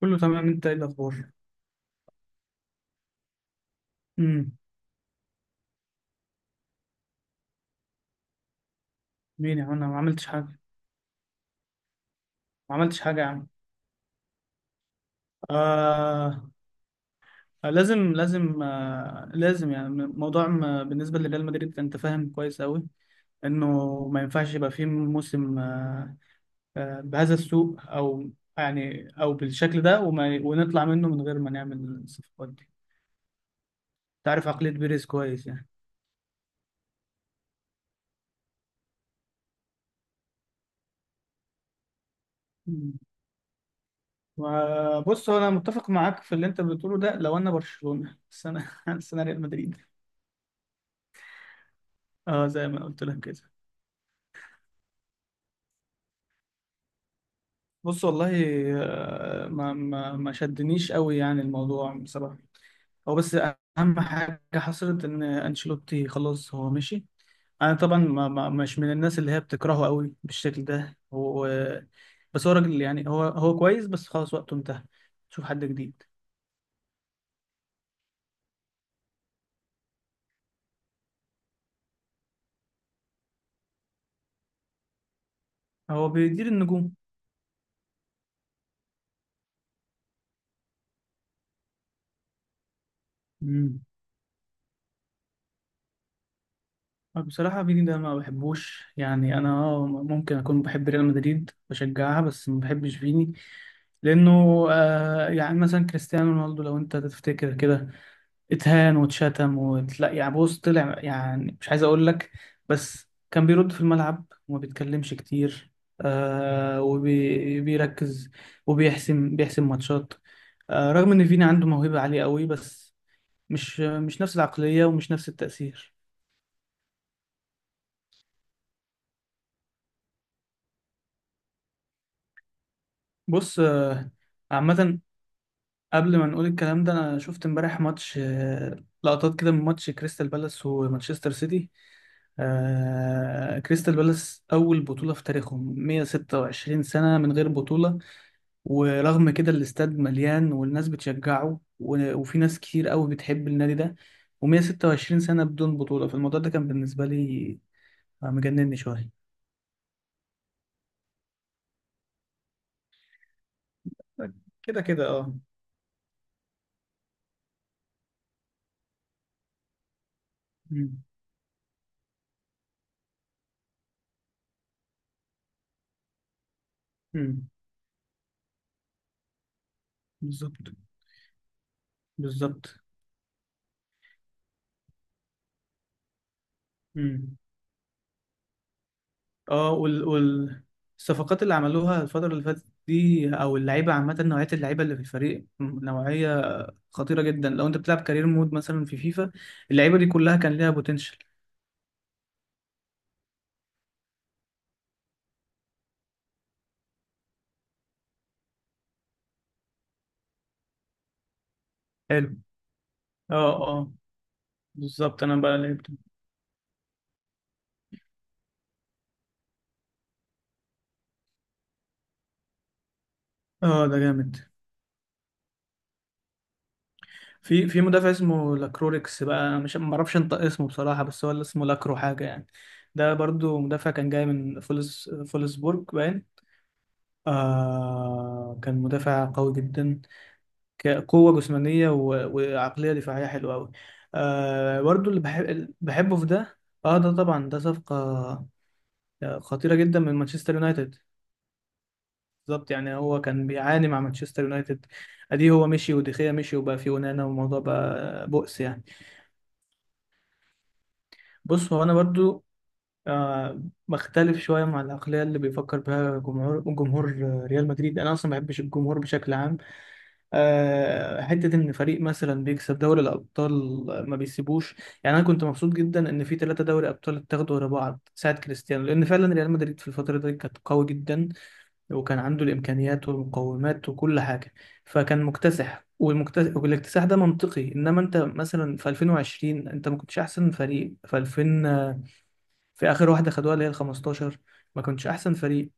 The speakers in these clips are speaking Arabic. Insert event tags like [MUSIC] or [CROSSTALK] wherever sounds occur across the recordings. كله تمام. انت ايه الاخبار؟ امم مين يا عم؟ انا ما عملتش حاجه، ما عملتش حاجه يا عم. آه، لازم يعني موضوع ما بالنسبه لريال مدريد، انت فاهم كويس قوي انه ما ينفعش يبقى فيه موسم آه بهذا السوء، او يعني او بالشكل ده ونطلع منه من غير ما نعمل الصفقات دي. انت عارف عقليه بيريز كويس يعني. مم. وبص، هو انا متفق معاك في اللي انت بتقوله ده لو انا برشلونه، بس انا [LAUGHS] بس انا ريال مدريد. اه، زي ما قلت لك كده. بص والله، ما شدنيش قوي يعني الموضوع بصراحة. هو بس أهم حاجة حصلت إن أنشيلوتي خلاص هو مشي. أنا طبعا ما ما مش من الناس اللي هي بتكرهه قوي بالشكل ده، هو بس هو راجل يعني، هو كويس، بس خلاص وقته انتهى. شوف حد جديد. هو بيدير النجوم. مم. بصراحة فيني ده ما بحبوش يعني، أنا ممكن أكون بحب ريال مدريد، بشجعها، بس ما بحبش فيني، لأنه يعني مثلا كريستيانو رونالدو، لو أنت تفتكر كده، اتهان واتشتم وتلاقي، يعني بص طلع يعني مش عايز أقول لك، بس كان بيرد في الملعب وما بيتكلمش كتير، وبيركز وبيحسم ماتشات. رغم إن فيني عنده موهبة عالية قوي، بس مش نفس العقلية، ومش نفس التأثير. بص، عامة، قبل ما نقول الكلام ده، أنا شفت امبارح ماتش، لقطات كده من ماتش كريستال بالاس ومانشستر سيتي. كريستال بالاس، أول بطولة في تاريخهم، 126 سنة من غير بطولة. ورغم كده الاستاد مليان والناس بتشجعه، وفي ناس كتير قوي بتحب النادي ده، و126 سنة بدون بطولة. فالموضوع ده كان بالنسبة لي مجنني شوية. كده كده، اه. مم. مم. بالظبط. بالظبط. اه والصفقات اللي عملوها الفترة اللي فاتت دي، او اللعيبة عامة، نوعية اللعيبة اللي في الفريق نوعية خطيرة جدا. لو انت بتلعب كارير مود مثلا في فيفا، اللعيبة دي كلها كان ليها بوتنشال. حلو. اه، اه. بالظبط، انا بقى لعبت. اه، ده جامد. في مدافع اسمه لاكروريكس بقى، مش ما اعرفش انطق اسمه بصراحة، بس هو اللي اسمه لاكرو حاجة يعني، ده برضو مدافع كان جاي من فولسبورج باين. كان مدافع قوي جدا، كقوة جسمانية وعقلية دفاعية حلوة أوي. برضو اللي بحبه في ده، اه ده طبعا ده صفقة خطيرة جدا من مانشستر يونايتد. بالظبط، يعني هو كان بيعاني مع مانشستر يونايتد، ادي هو مشي وديخيا مشي، وبقى في ونانا، والموضوع بقى بؤس يعني. بص هو انا برضو آه بختلف شوية مع العقلية اللي بيفكر بها جمهور، جمهور ريال مدريد. انا اصلا ما بحبش الجمهور بشكل عام. حتة إن فريق مثلا بيكسب دوري الأبطال ما بيسيبوش. يعني أنا كنت مبسوط جدا إن في ثلاثة دوري أبطال اتاخدوا ورا بعض ساعة كريستيانو، لأن فعلا ريال مدريد في الفترة دي كانت قوي جدا، وكان عنده الإمكانيات والمقومات وكل حاجة، فكان مكتسح، والمكتسح والاكتساح ده منطقي. إنما أنت مثلا في 2020 أنت ما كنتش أحسن فريق، في 2000 في آخر واحدة خدوها اللي هي ال 15، ما كنتش أحسن فريق.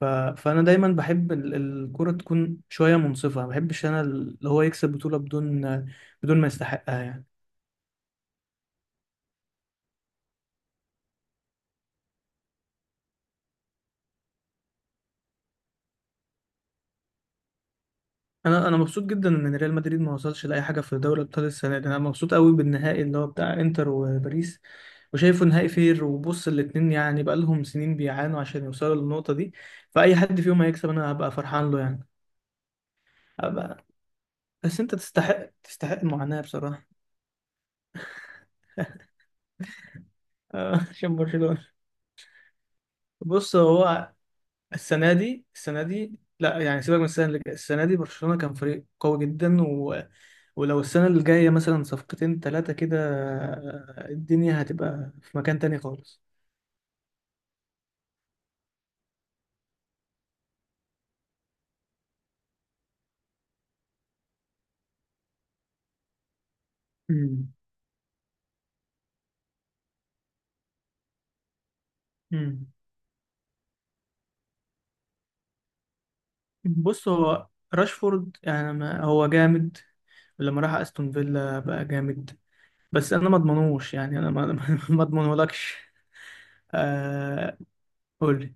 ف... فانا دايما بحب الكرة تكون شويه منصفه، ما بحبش انا اللي هو يكسب بطوله بدون ما يستحقها يعني. انا مبسوط جدا ان ريال مدريد ما وصلش لاي حاجه في دوري الابطال السنه دي. انا مبسوط قوي بالنهائي اللي هو بتاع انتر وباريس، وشايفه نهائي فير. وبص، الاتنين يعني بقالهم سنين بيعانوا عشان يوصلوا للنقطه دي، فاي حد فيهم هيكسب انا هبقى فرحان له يعني. هبقى بس انت تستحق، تستحق المعاناه بصراحه. [LAUGHS] عشان برشلونه. بص هو، السنه دي، السنه دي لا يعني، سيبك من السنه اللي جايه، السنه دي برشلونه كان فريق قوي جدا ولو السنه اللي جايه مثلا صفقتين ثلاثه كده، الدنيا هتبقى في مكان تاني خالص. مم. مم. بص هو راشفورد يعني ما هو جامد، لما راح استون فيلا بقى جامد، بس انا ما اضمنوش، يعني انا ما [LAUGHS] ما اضمنهولكش. آه. قول لي.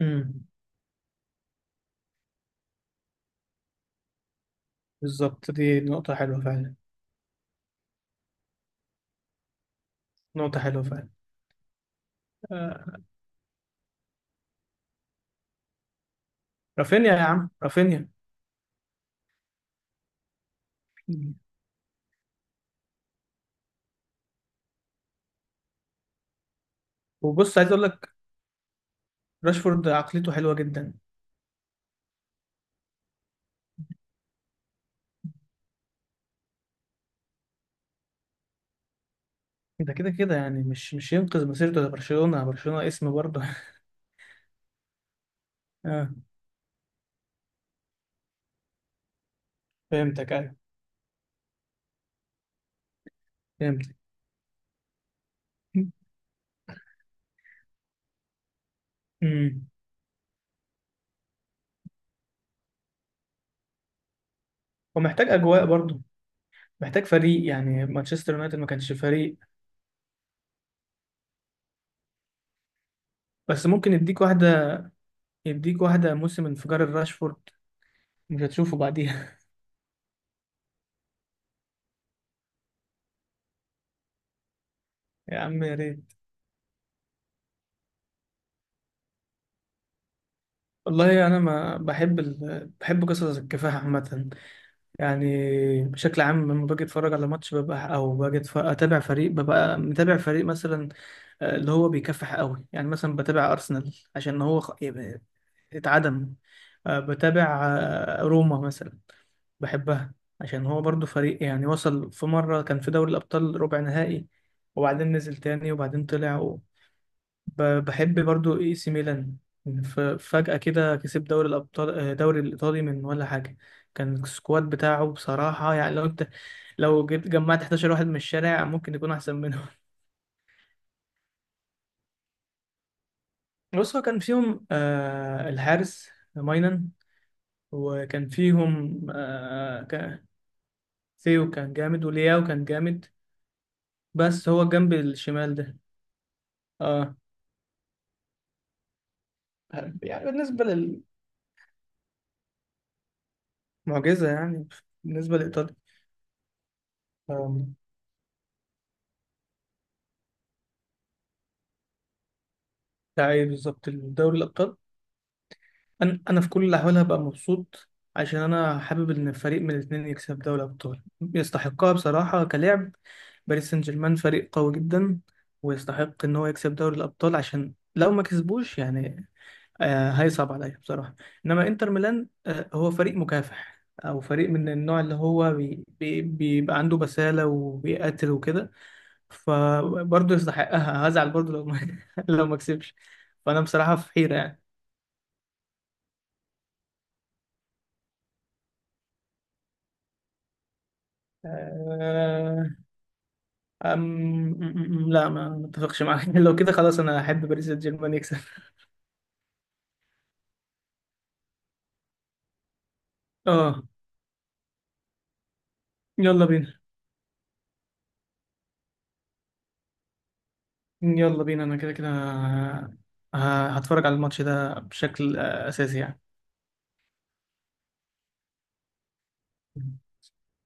مم. بالظبط، دي نقطة حلوة فعلا. نقطة حلوة فعلا. آه، رافينيا يا عم، رافينيا. وبص، عايز اقول لك، راشفورد عقليته حلوه جدا. ده كده كده يعني مش ينقذ مسيرته لبرشلونه، برشلونه اسم برضه. [LAUGHS] اه. فهمتك، ايوه، فهمتك. امم ومحتاج اجواء برضه، محتاج فريق، يعني مانشستر يونايتد ما كانش فريق. بس ممكن يديك واحده موسم انفجار الراشفورد، مش هتشوفه بعديها. [LAUGHS] يا عم يا ريت. والله انا ما بحب بحب قصص الكفاح عامه، يعني بشكل عام، لما باجي اتفرج على ماتش ببقى، او باجي اتابع فريق، ببقى متابع فريق مثلا اللي هو بيكفح قوي يعني. مثلا بتابع أرسنال عشان هو اتعدم. بتابع روما مثلا، بحبها عشان هو برضو فريق يعني وصل في مرة كان في دوري الأبطال ربع نهائي، وبعدين نزل تاني، وبعدين طلع بحب برضو اي سي ميلان. فجأة كده كسب دوري الأبطال، دوري الإيطالي، من ولا حاجة. كان السكواد بتاعه بصراحة، يعني لو جيت جمعت 11 واحد من الشارع ممكن يكون أحسن. بص هو كان فيهم الحارس ماينن، وكان فيهم ثيو كان جامد ولياو كان جامد، بس هو الجنب الشمال ده. اه، يعني بالنسبة للمعجزة يعني، بالنسبة لإيطاليا. آم، ده ايه بالظبط؟ دوري الأبطال. انا في كل الاحوال هبقى مبسوط، عشان انا حابب ان فريق من الاثنين يكسب دوري ابطال، يستحقها بصراحه كلاعب. باريس سان جيرمان فريق قوي جدا، ويستحق ان هو يكسب دوري الابطال، عشان لو ما كسبوش يعني هيصعب عليا بصراحه. انما انتر ميلان هو فريق مكافح، او فريق من النوع اللي هو بي بي بيبقى عنده بساله وبيقاتل وكده، فبرضه يستحقها. هزعل برضه لو ما [LAUGHS] لو ما كسبش. فانا بصراحه في حيره يعني. آه، لا، ما اتفقش معاك. [LAUGHS] لو كده خلاص انا احب باريس سان جيرمان يكسب. [LAUGHS] اه. يلا بينا. يلا بينا، انا كده كده هتفرج على الماتش ده بشكل اساسي يعني.